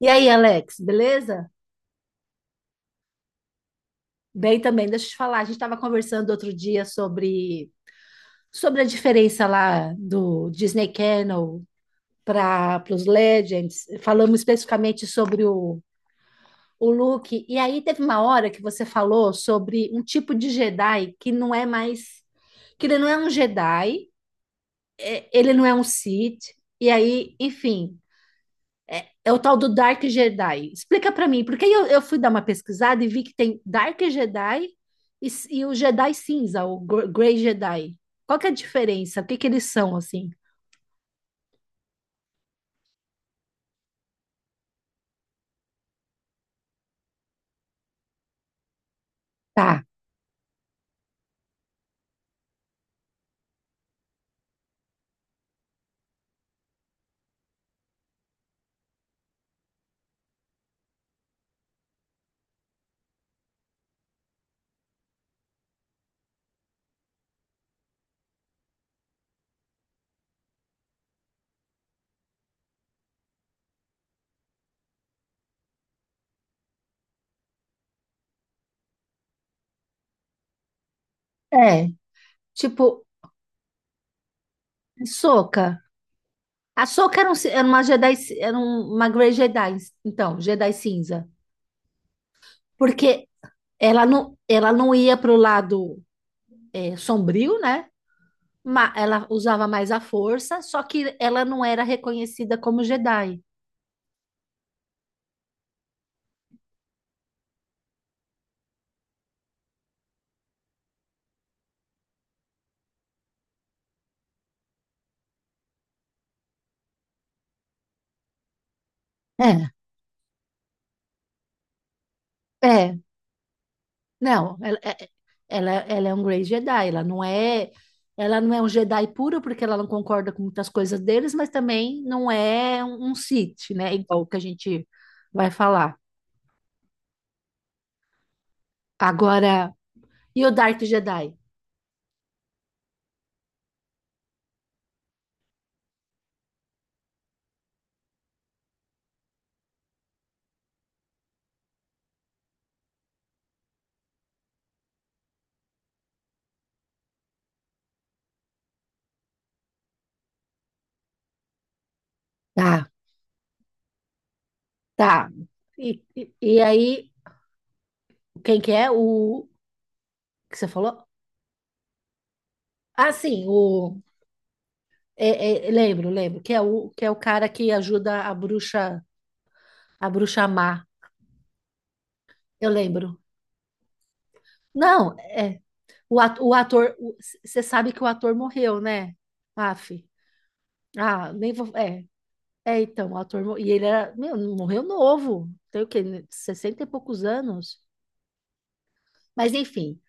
E aí, Alex, beleza? Bem também, deixa eu te falar, a gente estava conversando outro dia sobre a diferença lá do Disney Channel para os Legends. Falamos especificamente sobre o Luke, e aí teve uma hora que você falou sobre um tipo de Jedi que não é mais, que ele não é um Jedi, ele não é um Sith, e aí, enfim, é o tal do Dark Jedi. Explica para mim, porque eu fui dar uma pesquisada e vi que tem Dark Jedi e o Jedi Cinza, o Grey Jedi. Qual que é a diferença? O que que eles são, assim? Tá, é. Tipo, Ahsoka. A Ahsoka era, um, era uma Jedi, era uma Grey Jedi, então, Jedi Cinza. Porque ela não ia pro lado é, sombrio, né? Ela usava mais a força, só que ela não era reconhecida como Jedi. É. É, não, é, ela é um Grey Jedi, ela não é um Jedi puro porque ela não concorda com muitas coisas deles, mas também não é um Sith, né? Igual que a gente vai falar. Agora, e o Dark Jedi? Tá, tá. E aí, quem que é? O que você falou? Ah, sim, o é, lembro, lembro, que é o cara que ajuda a bruxa má. Eu lembro. Não, é, o, o ator, você sabe que o ator morreu, né? Aff. Ah, nem vou. É, é então, e ele era. Meu, morreu novo. Tem o quê? 60 e poucos anos. Mas enfim,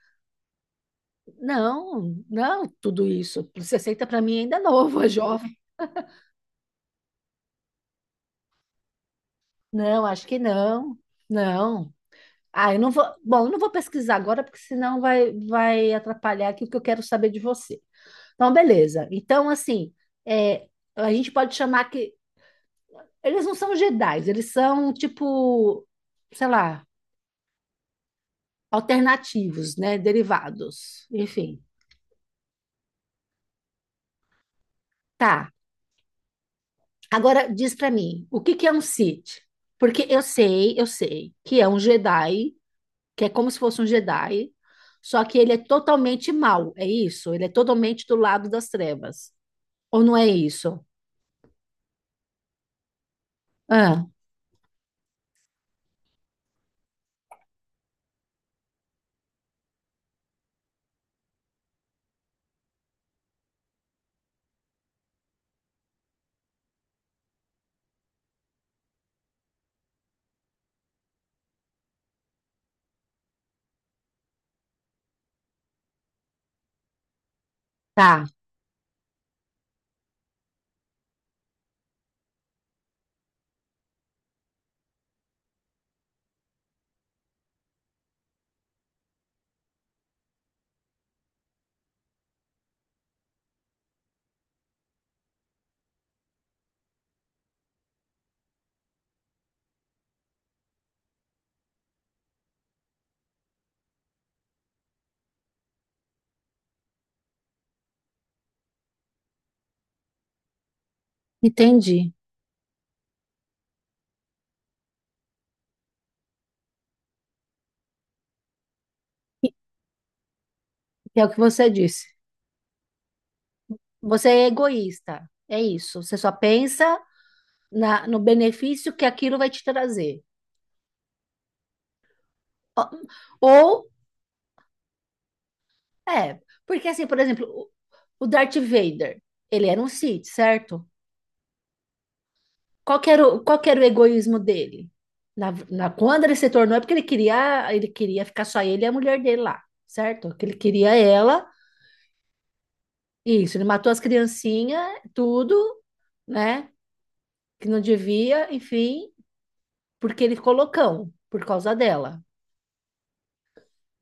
não, não, tudo isso. Sessenta para mim ainda é novo, é jovem. Não, acho que não. Não. Ah, eu não vou. Bom, eu não vou pesquisar agora, porque senão vai atrapalhar aqui o que eu quero saber de você. Então, beleza. Então, assim, é, a gente pode chamar que eles não são Jedi, eles são tipo, sei lá, alternativos, né? Derivados. Enfim. Tá. Agora diz pra mim, o que que é um Sith? Porque eu sei que é um Jedi, que é como se fosse um Jedi, só que ele é totalmente mau, é isso? Ele é totalmente do lado das trevas. Ou não é isso? Ah, tá. Entendi. E- É o que você disse. Você é egoísta, é isso. Você só pensa no benefício que aquilo vai te trazer. Ó, ou, é, porque assim, por exemplo, o Darth Vader, ele era um Sith, certo? Qual que era qual que era o egoísmo dele? Quando ele se tornou, é porque ele queria ficar só ele e a mulher dele lá, certo? Que ele queria ela, isso, ele matou as criancinhas, tudo, né? Que não devia, enfim, porque ele ficou loucão por causa dela.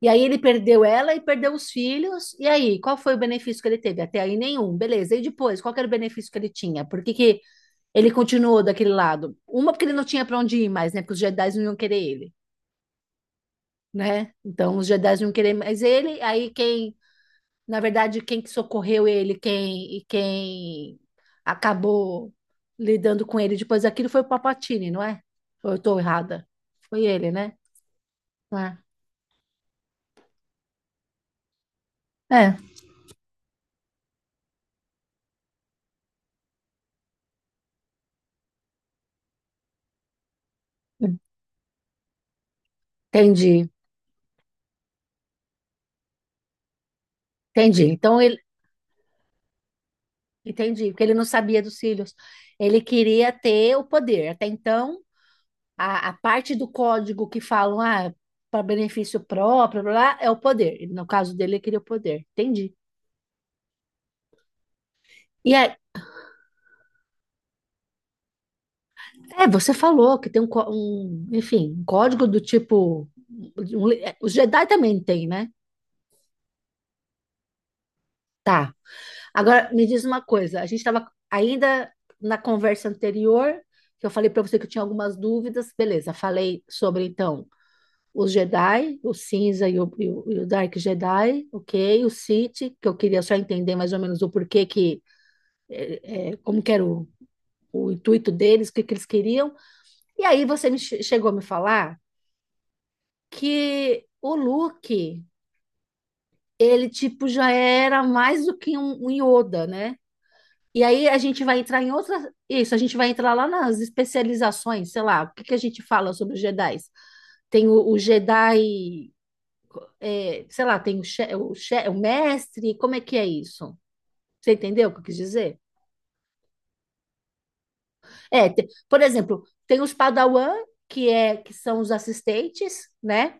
E aí ele perdeu ela e perdeu os filhos. E aí, qual foi o benefício que ele teve? Até aí nenhum, beleza. E depois, qual que era o benefício que ele tinha? Por que que ele continuou daquele lado? Uma, porque ele não tinha para onde ir mais, né? Porque os Jedi não iam querer ele, né? Então os Jedi não iam querer mais ele. Aí quem que socorreu ele, quem e quem acabou lidando com ele depois daquilo foi o Papatini, não é? Ou eu tô errada? Foi ele, né? É. É, entendi. Entendi. Então ele Entendi, porque ele não sabia dos cílios. Ele queria ter o poder. Até então, a parte do código que falam, ah, para benefício próprio, blá, blá, é o poder. E no caso dele, ele queria o poder. Entendi. E é, é, você falou que tem um, um, enfim, um código do tipo. É, os Jedi também tem, né? Tá. Agora, me diz uma coisa. A gente estava ainda na conversa anterior, que eu falei para você que eu tinha algumas dúvidas. Beleza, falei sobre, então, os Jedi, o cinza e o Dark Jedi, ok? O Sith, que eu queria só entender mais ou menos o porquê que, é, como que era o intuito deles, que eles queriam. E aí você me chegou a me falar que o Luke, ele tipo já era mais do que um Yoda, né? E aí a gente vai entrar em outra, isso, a gente vai entrar lá nas especializações, sei lá, o que que a gente fala sobre os Jedi? Tem o Jedi é, sei lá, tem o, o mestre, como é que é isso? Você entendeu o que eu quis dizer? É, por exemplo, tem os Padawan, que é que são os assistentes, né?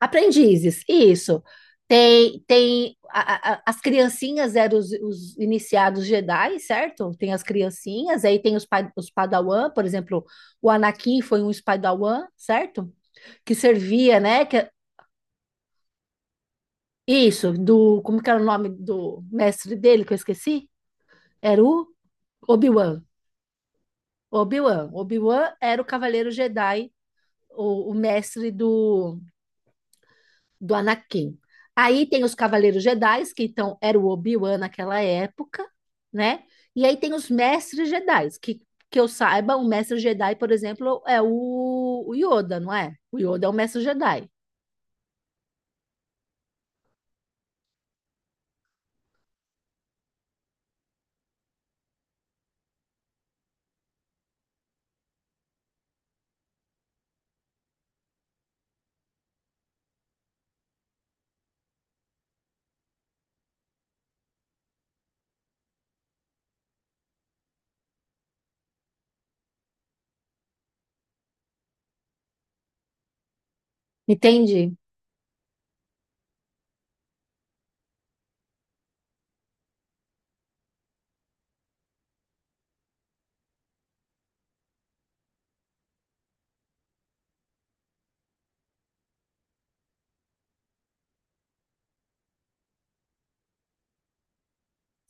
Aprendizes, isso. Tem as criancinhas eram os iniciados Jedi, certo? Tem as criancinhas, aí tem os, os Padawan, por exemplo, o Anakin foi um Padawan, certo? Que servia, né? É, isso, do, como que era o nome do mestre dele que eu esqueci? Era o Obi-Wan. Obi-Wan. Obi-Wan era o Cavaleiro Jedi, o mestre do Anakin. Aí tem os Cavaleiros Jedi, que então era o Obi-Wan naquela época, né? E aí tem os Mestres Jedi, que eu saiba, o Mestre Jedi, por exemplo, é o Yoda, não é? O Yoda é o Mestre Jedi. Entende?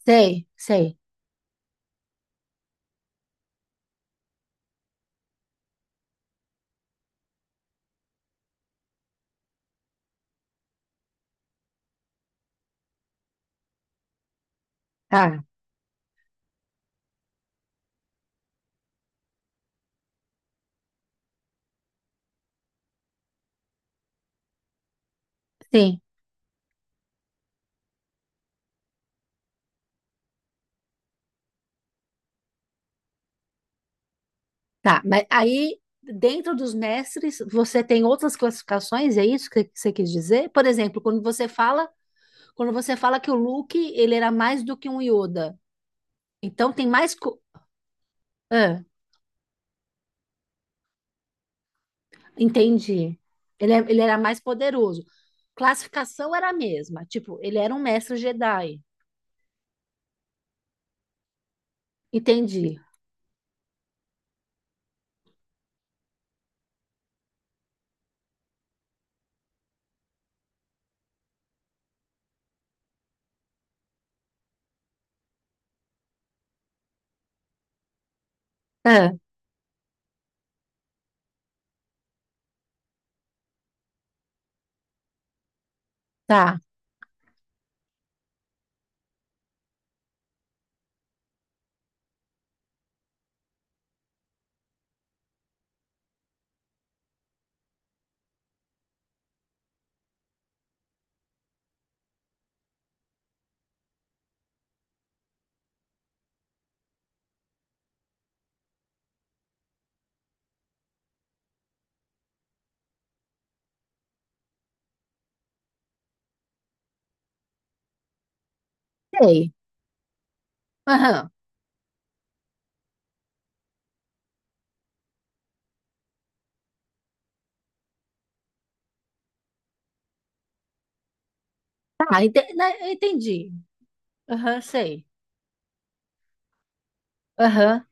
Sei, sei. Ah, sim. Tá, mas aí dentro dos mestres você tem outras classificações, é isso que você quis dizer? Por exemplo, quando você fala que o Luke, ele era mais do que um Yoda. Então tem mais co- ah, entendi. Ele, ele era mais poderoso. Classificação era a mesma, tipo, ele era um mestre Jedi. Entendi. Ah, tá, sei. Aham. Tá, né, entendi. Aham, sei. Aham,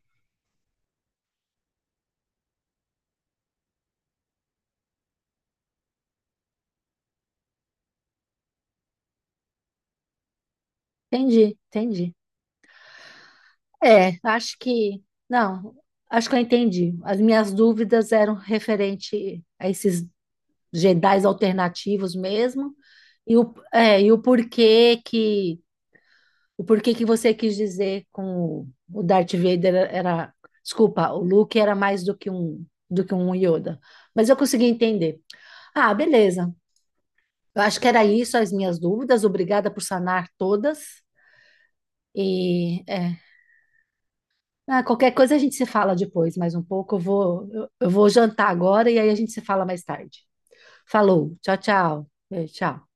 entendi, entendi. É, acho que. Não, acho que eu entendi. As minhas dúvidas eram referente a esses Jedis alternativos mesmo, e é, e o porquê que. O porquê que você quis dizer com o Darth Vader era. Desculpa, o Luke era mais do que do que um Yoda. Mas eu consegui entender. Ah, beleza. Eu acho que era isso as minhas dúvidas. Obrigada por sanar todas. E é, ah, qualquer coisa a gente se fala depois, mais um pouco. Eu vou jantar agora e aí a gente se fala mais tarde. Falou, tchau, tchau. Tchau.